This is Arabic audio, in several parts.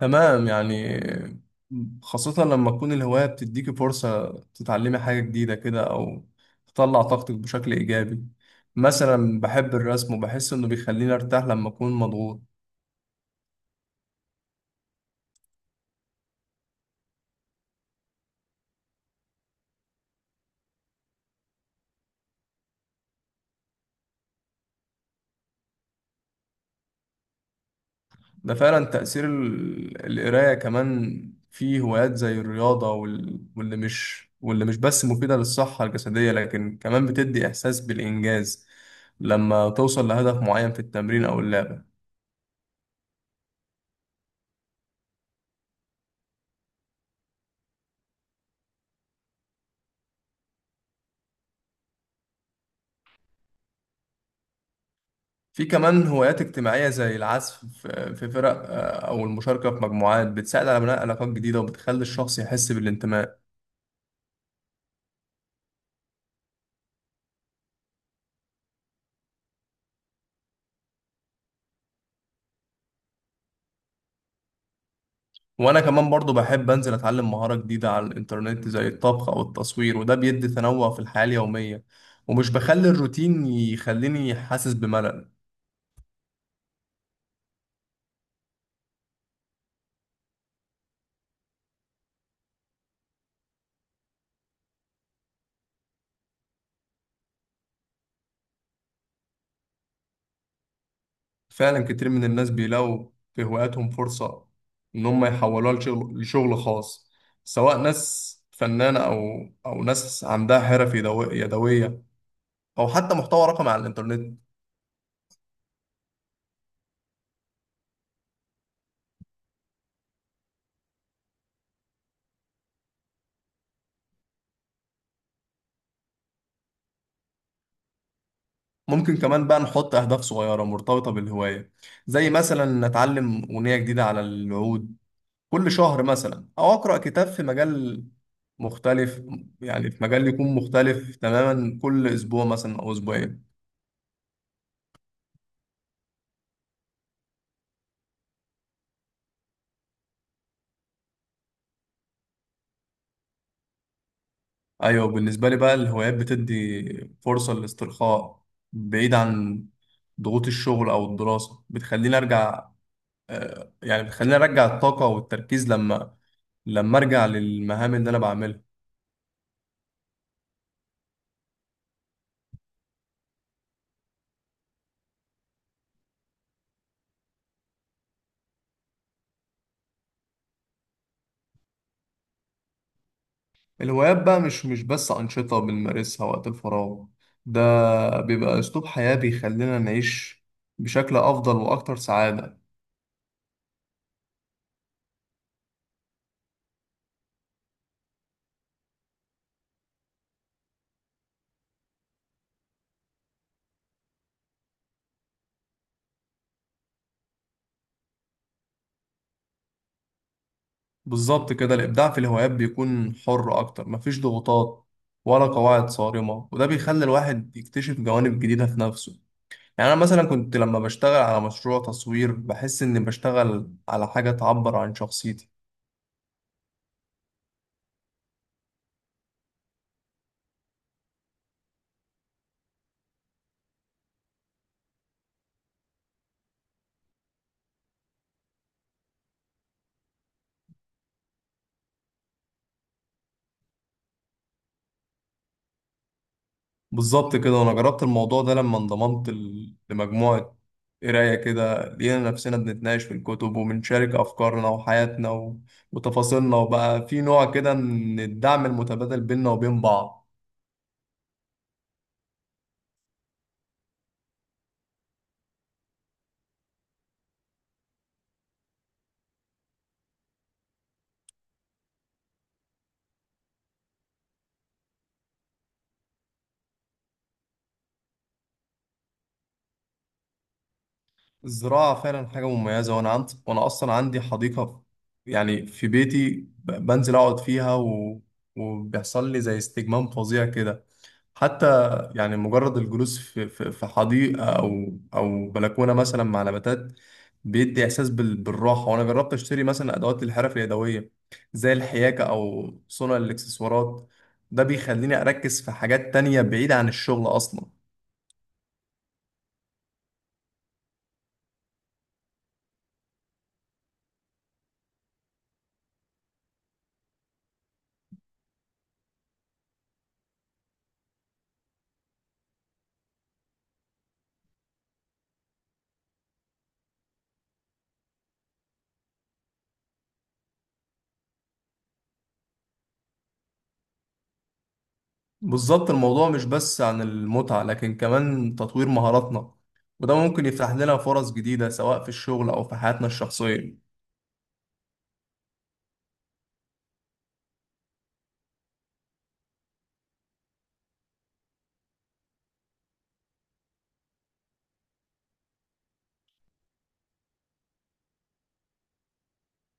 تمام، يعني خاصة لما تكون الهواية بتديكي فرصة تتعلمي حاجة جديدة كده أو تطلع طاقتك بشكل إيجابي. مثلا بحب الرسم وبحس إنه بيخليني أرتاح لما أكون مضغوط. ده فعلا تأثير القراية. كمان في هوايات زي الرياضة واللي مش بس مفيدة للصحة الجسدية لكن كمان بتدي إحساس بالإنجاز لما توصل لهدف معين في التمرين أو اللعبة. في كمان هوايات اجتماعية زي العزف في فرق أو المشاركة في مجموعات بتساعد على بناء علاقات جديدة وبتخلي الشخص يحس بالانتماء. وأنا كمان برضو بحب أنزل أتعلم مهارة جديدة على الإنترنت زي الطبخ أو التصوير، وده بيدي تنوع في الحياة اليومية، ومش بخلي الروتين يخليني حاسس بملل. فعلا كتير من الناس بيلاقوا في هواياتهم فرصة إن هم يحولوها لشغل خاص، سواء ناس فنانة أو ناس عندها حرف يدوية، أو حتى محتوى رقمي على الإنترنت. ممكن كمان بقى نحط أهداف صغيرة مرتبطة بالهواية، زي مثلا نتعلم أغنية جديدة على العود كل شهر مثلا، أو أقرأ كتاب في مجال مختلف. يعني في مجال يكون مختلف تماما كل أسبوع مثلا أو أسبوعين. أيوة، بالنسبة لي بقى الهوايات بتدي فرصة للاسترخاء بعيد عن ضغوط الشغل أو الدراسة، بتخليني أرجع، يعني بتخليني أرجع الطاقة والتركيز لما أرجع للمهام اللي أنا بعملها. الهوايات بقى مش بس أنشطة بنمارسها وقت الفراغ، ده بيبقى أسلوب حياة بيخلينا نعيش بشكل أفضل وأكتر سعادة. بالظبط كده، الإبداع في الهوايات بيكون حر أكتر، مفيش ضغوطات ولا قواعد صارمة، وده بيخلي الواحد يكتشف جوانب جديدة في نفسه. يعني أنا مثلا كنت لما بشتغل على مشروع تصوير بحس إني بشتغل على حاجة تعبر عن شخصيتي. بالظبط كده، وانا جربت الموضوع ده لما انضممت لمجموعة قراية كده، لقينا نفسنا بنتناقش في الكتب وبنشارك أفكارنا وحياتنا وتفاصيلنا، وبقى في نوع كده من الدعم المتبادل بيننا وبين بعض. الزراعة فعلا حاجة مميزة، وأنا وأنا أصلا عندي حديقة يعني في بيتي، بنزل أقعد فيها وبيحصل لي زي استجمام فظيع كده. حتى يعني مجرد الجلوس في حديقة أو بلكونة مثلا مع نباتات بيدي إحساس بالراحة. وأنا جربت أشتري مثلا أدوات الحرف اليدوية زي الحياكة أو صنع الإكسسوارات، ده بيخليني أركز في حاجات تانية بعيدة عن الشغل أصلا. بالظبط، الموضوع مش بس عن المتعة لكن كمان تطوير مهاراتنا، وده ممكن يفتح لنا فرص جديدة سواء في الشغل أو في حياتنا الشخصية.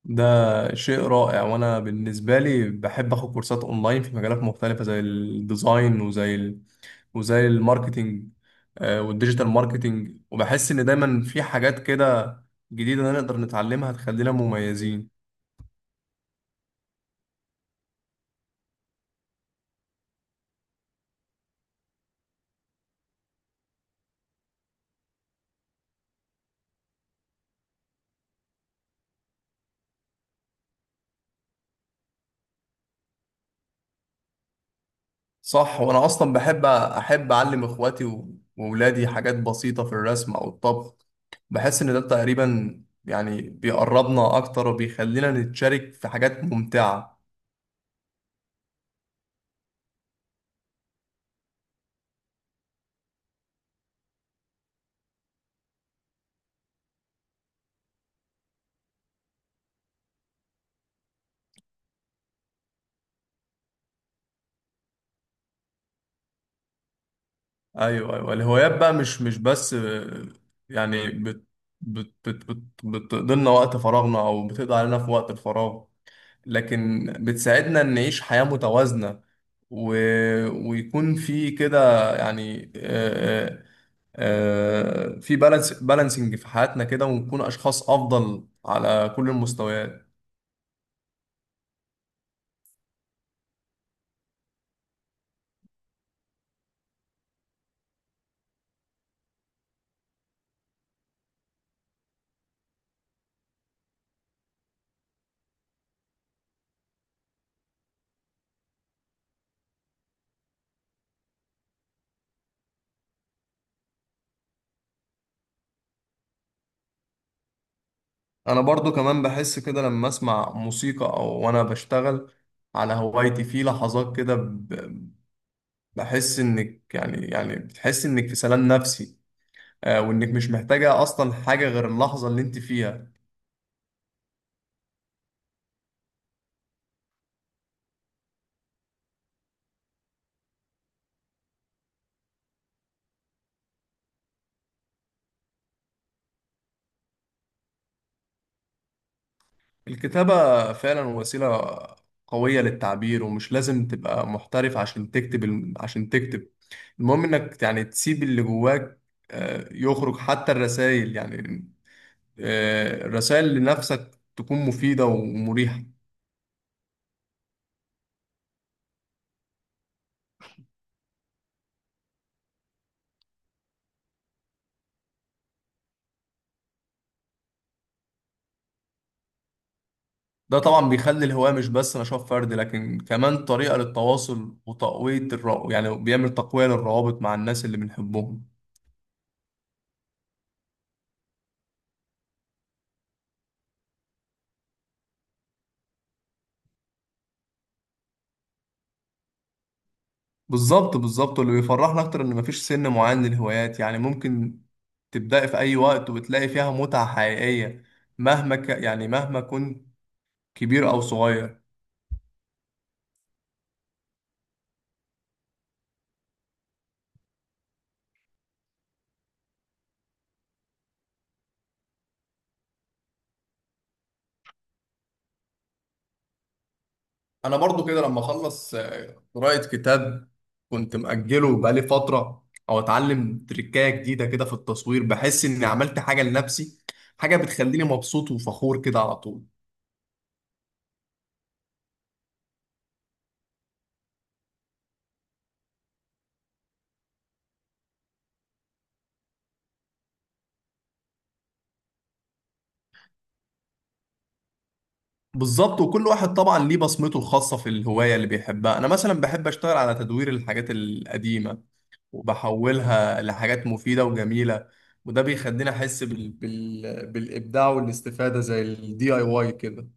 ده شيء رائع، وانا بالنسبه لي بحب اخد كورسات اونلاين في مجالات مختلفه زي الديزاين، وزي الماركتينج، والديجيتال ماركتينج، وبحس ان دايما في حاجات كده جديده نقدر نتعلمها تخلينا مميزين. صح، وانا اصلا بحب اعلم اخواتي واولادي حاجات بسيطه في الرسم او الطبخ، بحس ان ده تقريبا يعني بيقربنا اكتر وبيخلينا نتشارك في حاجات ممتعه. ايوه الهوايات بقى مش بس يعني بت بت بت بت بتقضي لنا وقت فراغنا او بتقضي علينا في وقت الفراغ، لكن بتساعدنا ان نعيش حياة متوازنة، و... ويكون في كده، يعني في بالانس بالانسنج في حياتنا كده، ونكون اشخاص افضل على كل المستويات. انا برضو كمان بحس كده لما اسمع موسيقى او وانا بشتغل على هوايتي، في لحظات كده بحس انك يعني بتحس انك في سلام نفسي، وانك مش محتاجة اصلا حاجة غير اللحظة اللي انت فيها. الكتابة فعلا وسيلة قوية للتعبير، ومش لازم تبقى محترف عشان عشان تكتب. المهم انك يعني تسيب اللي جواك يخرج. حتى الرسائل يعني الرسائل لنفسك تكون مفيدة ومريحة. ده طبعا بيخلي الهواية مش بس نشاط فردي لكن كمان طريقة للتواصل وتقوية الر... يعني بيعمل تقوية للروابط مع الناس اللي بنحبهم. بالظبط، واللي بيفرحنا أكتر إن مفيش سن معين للهوايات، يعني ممكن تبدأي في أي وقت وتلاقي فيها متعة حقيقية، يعني مهما كنت كبير أو صغير. انا برضو كده لما اخلص قراءة كتاب كنت مأجله بقالي فترة، او اتعلم تريكاية جديدة كده في التصوير، بحس اني عملت حاجة لنفسي، حاجة بتخليني مبسوط وفخور كده على طول. بالظبط، وكل واحد طبعا ليه بصمته الخاصة في الهواية اللي بيحبها. انا مثلا بحب اشتغل على تدوير الحاجات القديمة وبحولها لحاجات مفيدة وجميلة، وده بيخليني احس بالابداع والاستفادة، زي الدي اي واي كده.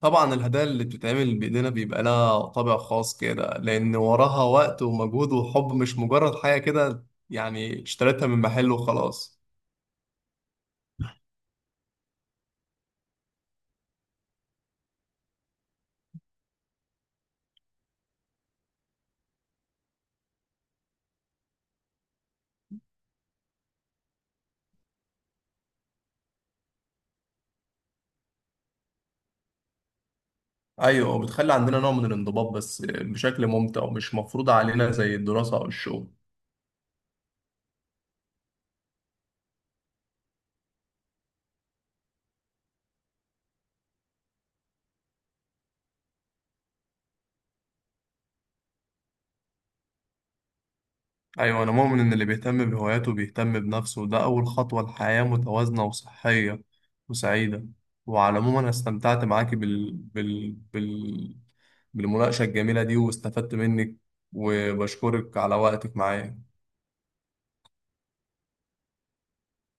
طبعا الهدايا اللي بتتعمل بإيدينا بيبقى لها طابع خاص كده، لأن وراها وقت ومجهود وحب، مش مجرد حاجة كده يعني اشتريتها من محل وخلاص. أيوة، وبتخلي عندنا نوع من الانضباط بس بشكل ممتع ومش مفروض علينا زي الدراسة أو الشغل. أيوة أنا مؤمن إن اللي بيهتم بهواياته بيهتم بنفسه، وده أول خطوة لحياة متوازنة وصحية وسعيدة. وعلى العموم أنا استمتعت معاكي بالمناقشة الجميلة دي واستفدت منك، وبشكرك على وقتك معايا.